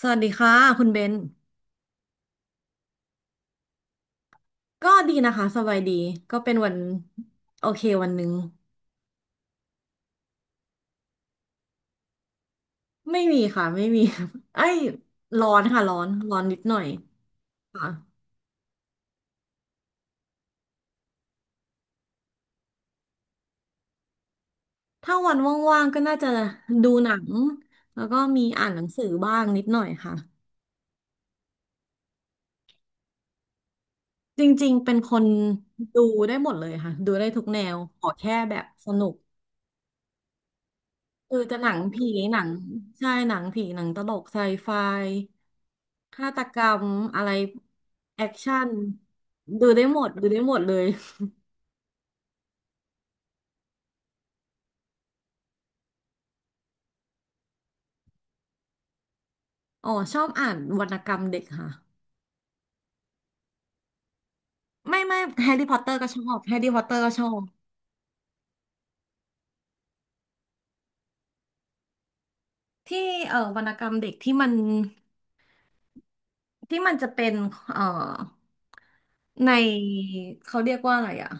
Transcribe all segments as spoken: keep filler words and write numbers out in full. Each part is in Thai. สวัสดีค่ะคุณเบนก็ดีนะคะสบายดีก็เป็นวันโอเควันหนึ่งไม่มีค่ะไม่มี ไอ้ยร้อนค่ะร้อนร้อนนิดหน่อยค่ะถ้าวันว่างๆก็น่าจะดูหนังแล้วก็มีอ่านหนังสือบ้างนิดหน่อยค่ะจริงๆเป็นคนดูได้หมดเลยค่ะดูได้ทุกแนวขอแค่แบบสนุก เออจะหนังผีหนังใช่หนังผีหนังตลกไซไฟฆาตกรรมอะไรแอคชั่นดูได้หมดดูได้หมดเลยอ๋อชอบอ่านวรรณกรรมเด็กค่ะไม่ไม่แฮร์รี่พอตเตอร์ก็ชอบแฮร์รี่พอตเตอร์ก็ชอบที่เอ่อวรรณกรรมเด็กที่มันที่มันจะเป็นเอ่อในเขาเรียกว่าอะไรอ่ะ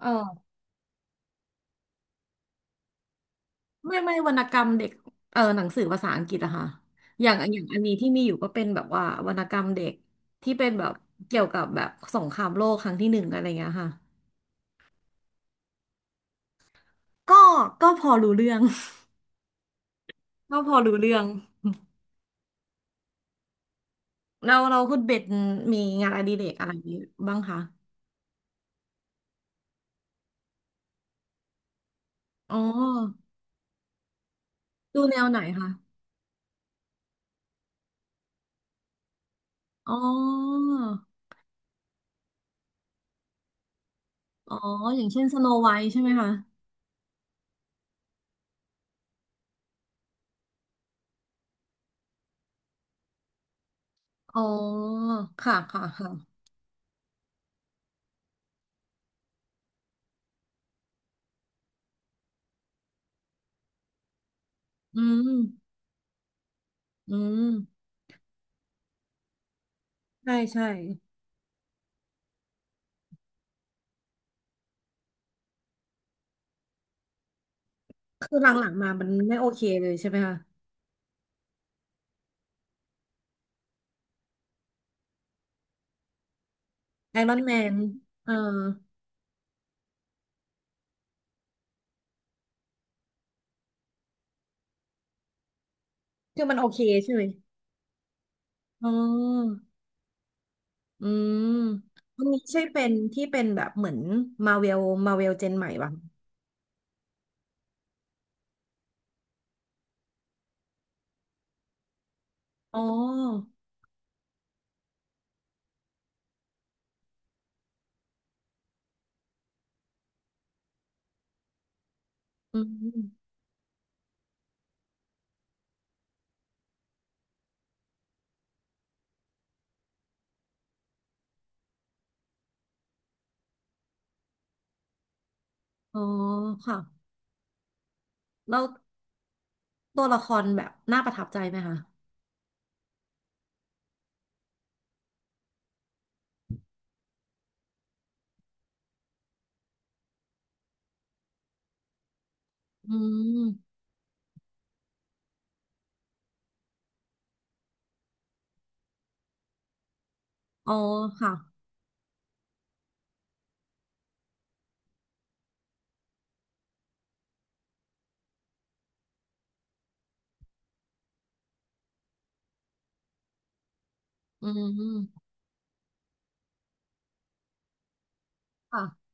เออ ไม่ไม่วรรณกรรมเด็กเออหนังสือภาษาอังกฤษอะค่ะอย่างอย่างอันนี้ที่มีอยู่ก็เป็นแบบว่าวรรณกรรมเด็กที่เป็นแบบเกี่ยวกับแบบสงครามโลกครั้งที่หนึ่งอะไรเงี้ยค่ะก็ก็พอรู้เรื่อง ก็พอรู้เรื่องเราเราคุณเบ็ดมีงานอดิเรกอะไรบ้างคะอ๋อดูแนวไหนคะอ๋ออ๋ออย่างเช่นสโนไวท์ใช่ไหมคะอ๋อค่ะค่ะค่ะอืมอืมใช่ใช่ คือหลังๆมามันไม่โอเคเลยใช่ไหมคะไอรอนแมนเออคือมันโอเคใช่ไหมอ๋ออืมอันนี้ใช่เป็นที่เป็นแบบเหมือนมาเวลมาเวลเจนใหม่ป่ะอ๋ออืมอ๋อค่ะแล้วตัวละครแบบน่าประทับใจไหมคะอืมอ๋อค่ะอืมค่ะ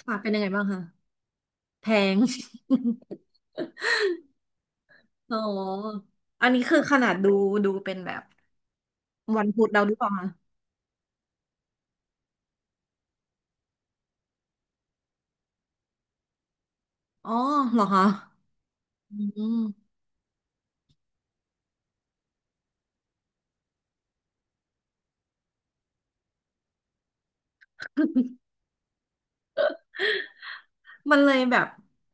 ค่ะเป็นยังไงบ้างคะแพง อ๋ออันนี้คือขนาดดูดูเป็นแบบวันพุธเราหรือเปล่าคะ อ๋อเหรอคะอืมมันเลยแบบ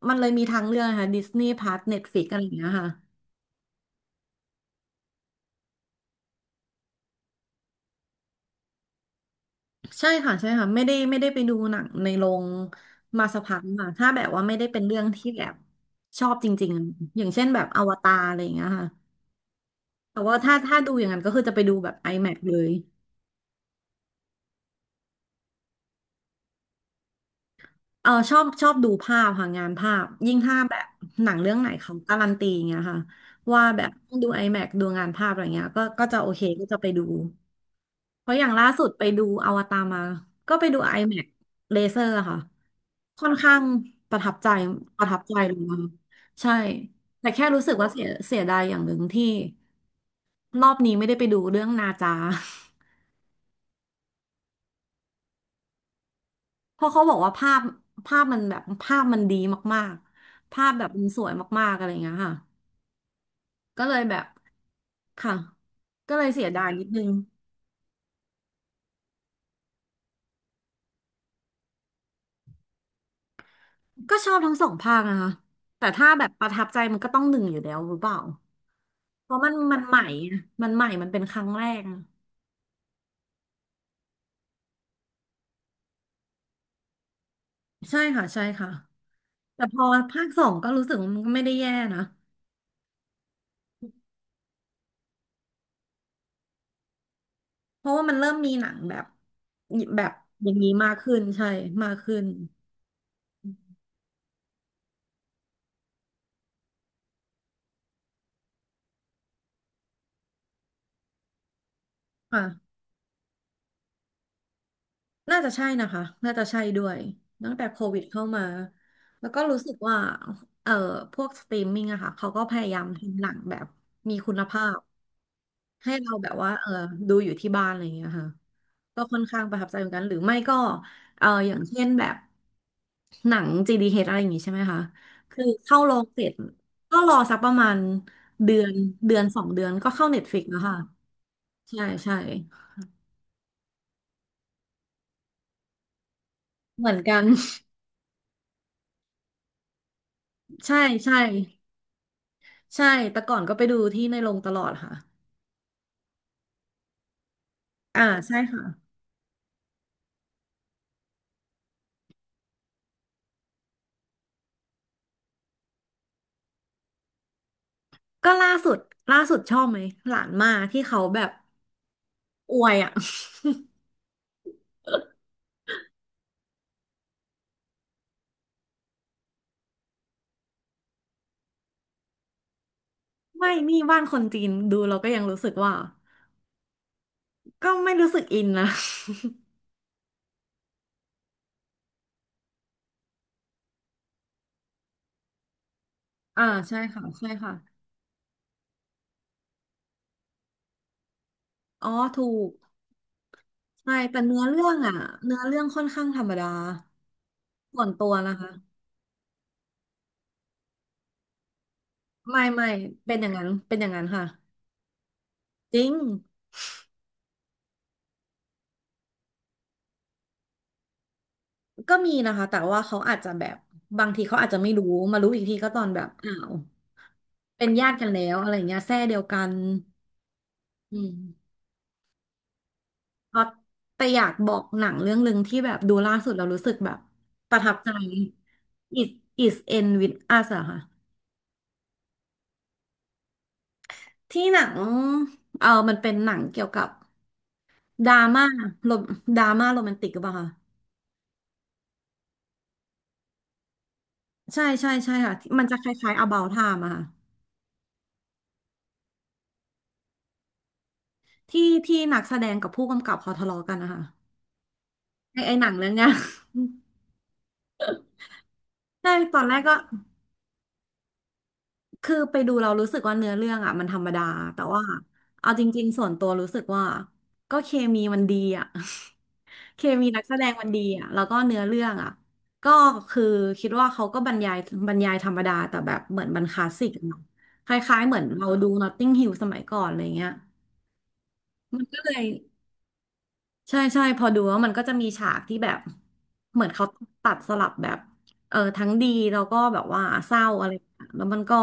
มันเลยมีทางเลือกนะคะดิสนีย์พาร์สเน็ตฟลิกอะไรอย่างเงี้ยค่ะใช่ค่ะใช่ค่ะไม่ได้ไม่ได้ไปดูหนังในโรงมาสักพักค่ะถ้าแบบว่าไม่ได้เป็นเรื่องที่แบบชอบจริงๆอย่างเช่นแบบอวตารอะไรอย่างเงี้ยค่ะแต่ว่าถ้าถ้าดูอย่างนั้นก็คือจะไปดูแบบ IMAX เลยเออชอบชอบดูภาพค่ะงานภาพยิ่งถ้าแบบหนังเรื่องไหนเขาการันตีอย่างเงี้ยค่ะว่าแบบต้องดู i ดูงานภาพอะไรเงี้ยก็ก็จะโอเคก็จะไปดู เพราะอย่างล่าสุดไปดูอวตารมา ก็ไปดู IMAX เลเซอร์ค่ะ ค่อนข้างประทับใจประทับใจเลยนะคะใช่ แต่แค่รู้สึกว่าเสียเสียดายอย่างหนึ่งที่รอบนี้ไม่ได้ไปดูเรื่องนาจา เพราะเขาบอกว่าภาพภาพมันแบบภาพมันดีมากๆ ภาพแบบมันสวยมากๆอะไรอย่างเงี้ยค่ะก็เลยแบบค่ะ ก็เลยเสียดายนิดนึง ก็ชอบทั้งสองภาคนะคะแต่ถ้าแบบประทับใจมันก็ต้องหนึ่งอยู่แล้วหรือเปล่าเพราะมันมันใหม่อะมันใหม่มันเป็นครั้งแรกอะใช่ค่ะใช่ค่ะ แต่พอภาคสองก็รู้สึกว่ามันก็ไม่ได้แย่นะเพราะว่ามันเริ่มมีหนังแบบแบบอย่างนี้มากขึ้นใช่มากขึ้นค่ะน่าจะใช่นะคะน่าจะใช่ด้วยตั้งแต่โควิดเข้ามาแล้วก็รู้สึกว่าเอ่อพวกสตรีมมิ่งอะค่ะเขาก็พยายามทำหนังแบบมีคุณภาพ ให้เราแบบว่าเออดูอยู่ที่บ้านอะไรอย่างเงี้ยค่ะก็ค่อนข้างประทับใจเหมือนกันหรือไม่ก็เอออย่างเช่นแบบหนัง จี ดี เอช อชอะไรอย่างงี้ใช่ไหมคะคือเข้าโรงเสร็จก็รอสักประมาณเดือนเดือนสองเดือนก็เข้า Netflix แล้วค่ะใช่ใช่เหมือนกัน ใช่ใช่ใช่แต่ก่อนก็ไปดูที่ในโรงตลอดค่ะอ่าใช่ค่ะก็ล่าสุดล่าสุดชอบไหมหลานมาที่เขาแบบอวยอ่ะ ไม่นี่บ้านคนจีนดูเราก็ยังรู้สึกว่า ก็ไม่รู้สึกอินนะ อ่าใช่ค่ะใช่ค่ะอ๋อถูกใช่แต่เนื้อเรื่องอ่ะเนื้อเรื่องค่อนข้างธรรมดาส่วนตัวนะคะไม่ไม่เป็นอย่างนั้นเป็นอย่างนั้นค่ะจริงก็มีนะคะแต่ว่าเขาอาจจะแบบบางทีเขาอาจจะไม่รู้มารู้อีกทีก็ตอนแบบอ้าวเป็นญาติกันแล้วอะไรเงี้ยแทร่เดียวกันอืมเพราะแต่อยากบอกหนังเรื่องหนึ่งที่แบบดูล่าสุดเรารู้สึกแบบประทับใจ It is end with us อะค่ะ ที่หนังเออมันเป็นหนังเกี่ยวกับดราม่าโรมดราม่าโรแมนติกหรือเปล่าคะใช่ใช่ใช่ค่ะมันจะคล้ายๆ About Time อะค่ะที่ที่นักแสดงกับผู้กำกับเขาทะเลาะกันนะคะไอไอหนังเรื่องเนี้ย ใช่ตอนแรกก็คือไปดูเรารู้สึกว่าเนื้อเรื่องอะมันธรรมดาแต่ว่าเอาจริงๆส่วนตัวรู้สึกว่าก็เคมีมันดีอะ เคมีนักแสดงมันดีอ่ะแล้วก็เนื้อเรื่องอ่ะก็คือคิดว่าเขาก็บรรยายบรรยายธรรมดาแต่แบบเหมือนบรรคลาสสิกอะเนาะคล้ายๆเหมือนเราดู Notting Hill สมัยก่อนอะไรเงี้ยมันก็เลยใช่ใช่พอดูแล้วมันก็จะมีฉากที่แบบเหมือนเขาตัดสลับแบบเออทั้งดีแล้วก็แบบว่าเศร้าอะไรอย่างเงี้ยแล้วมันก็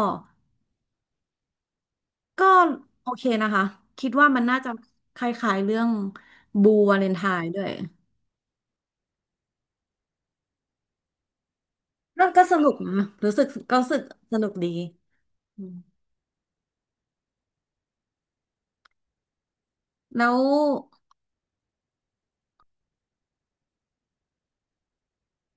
ก็โอเคนะคะคิดว่ามันน่าจะคล้ายๆเรื่องบูวาเลนไทน์ด้วยก็ก็สนุกนะรู้สึกก็รู้สึกสนุกดี แล้ว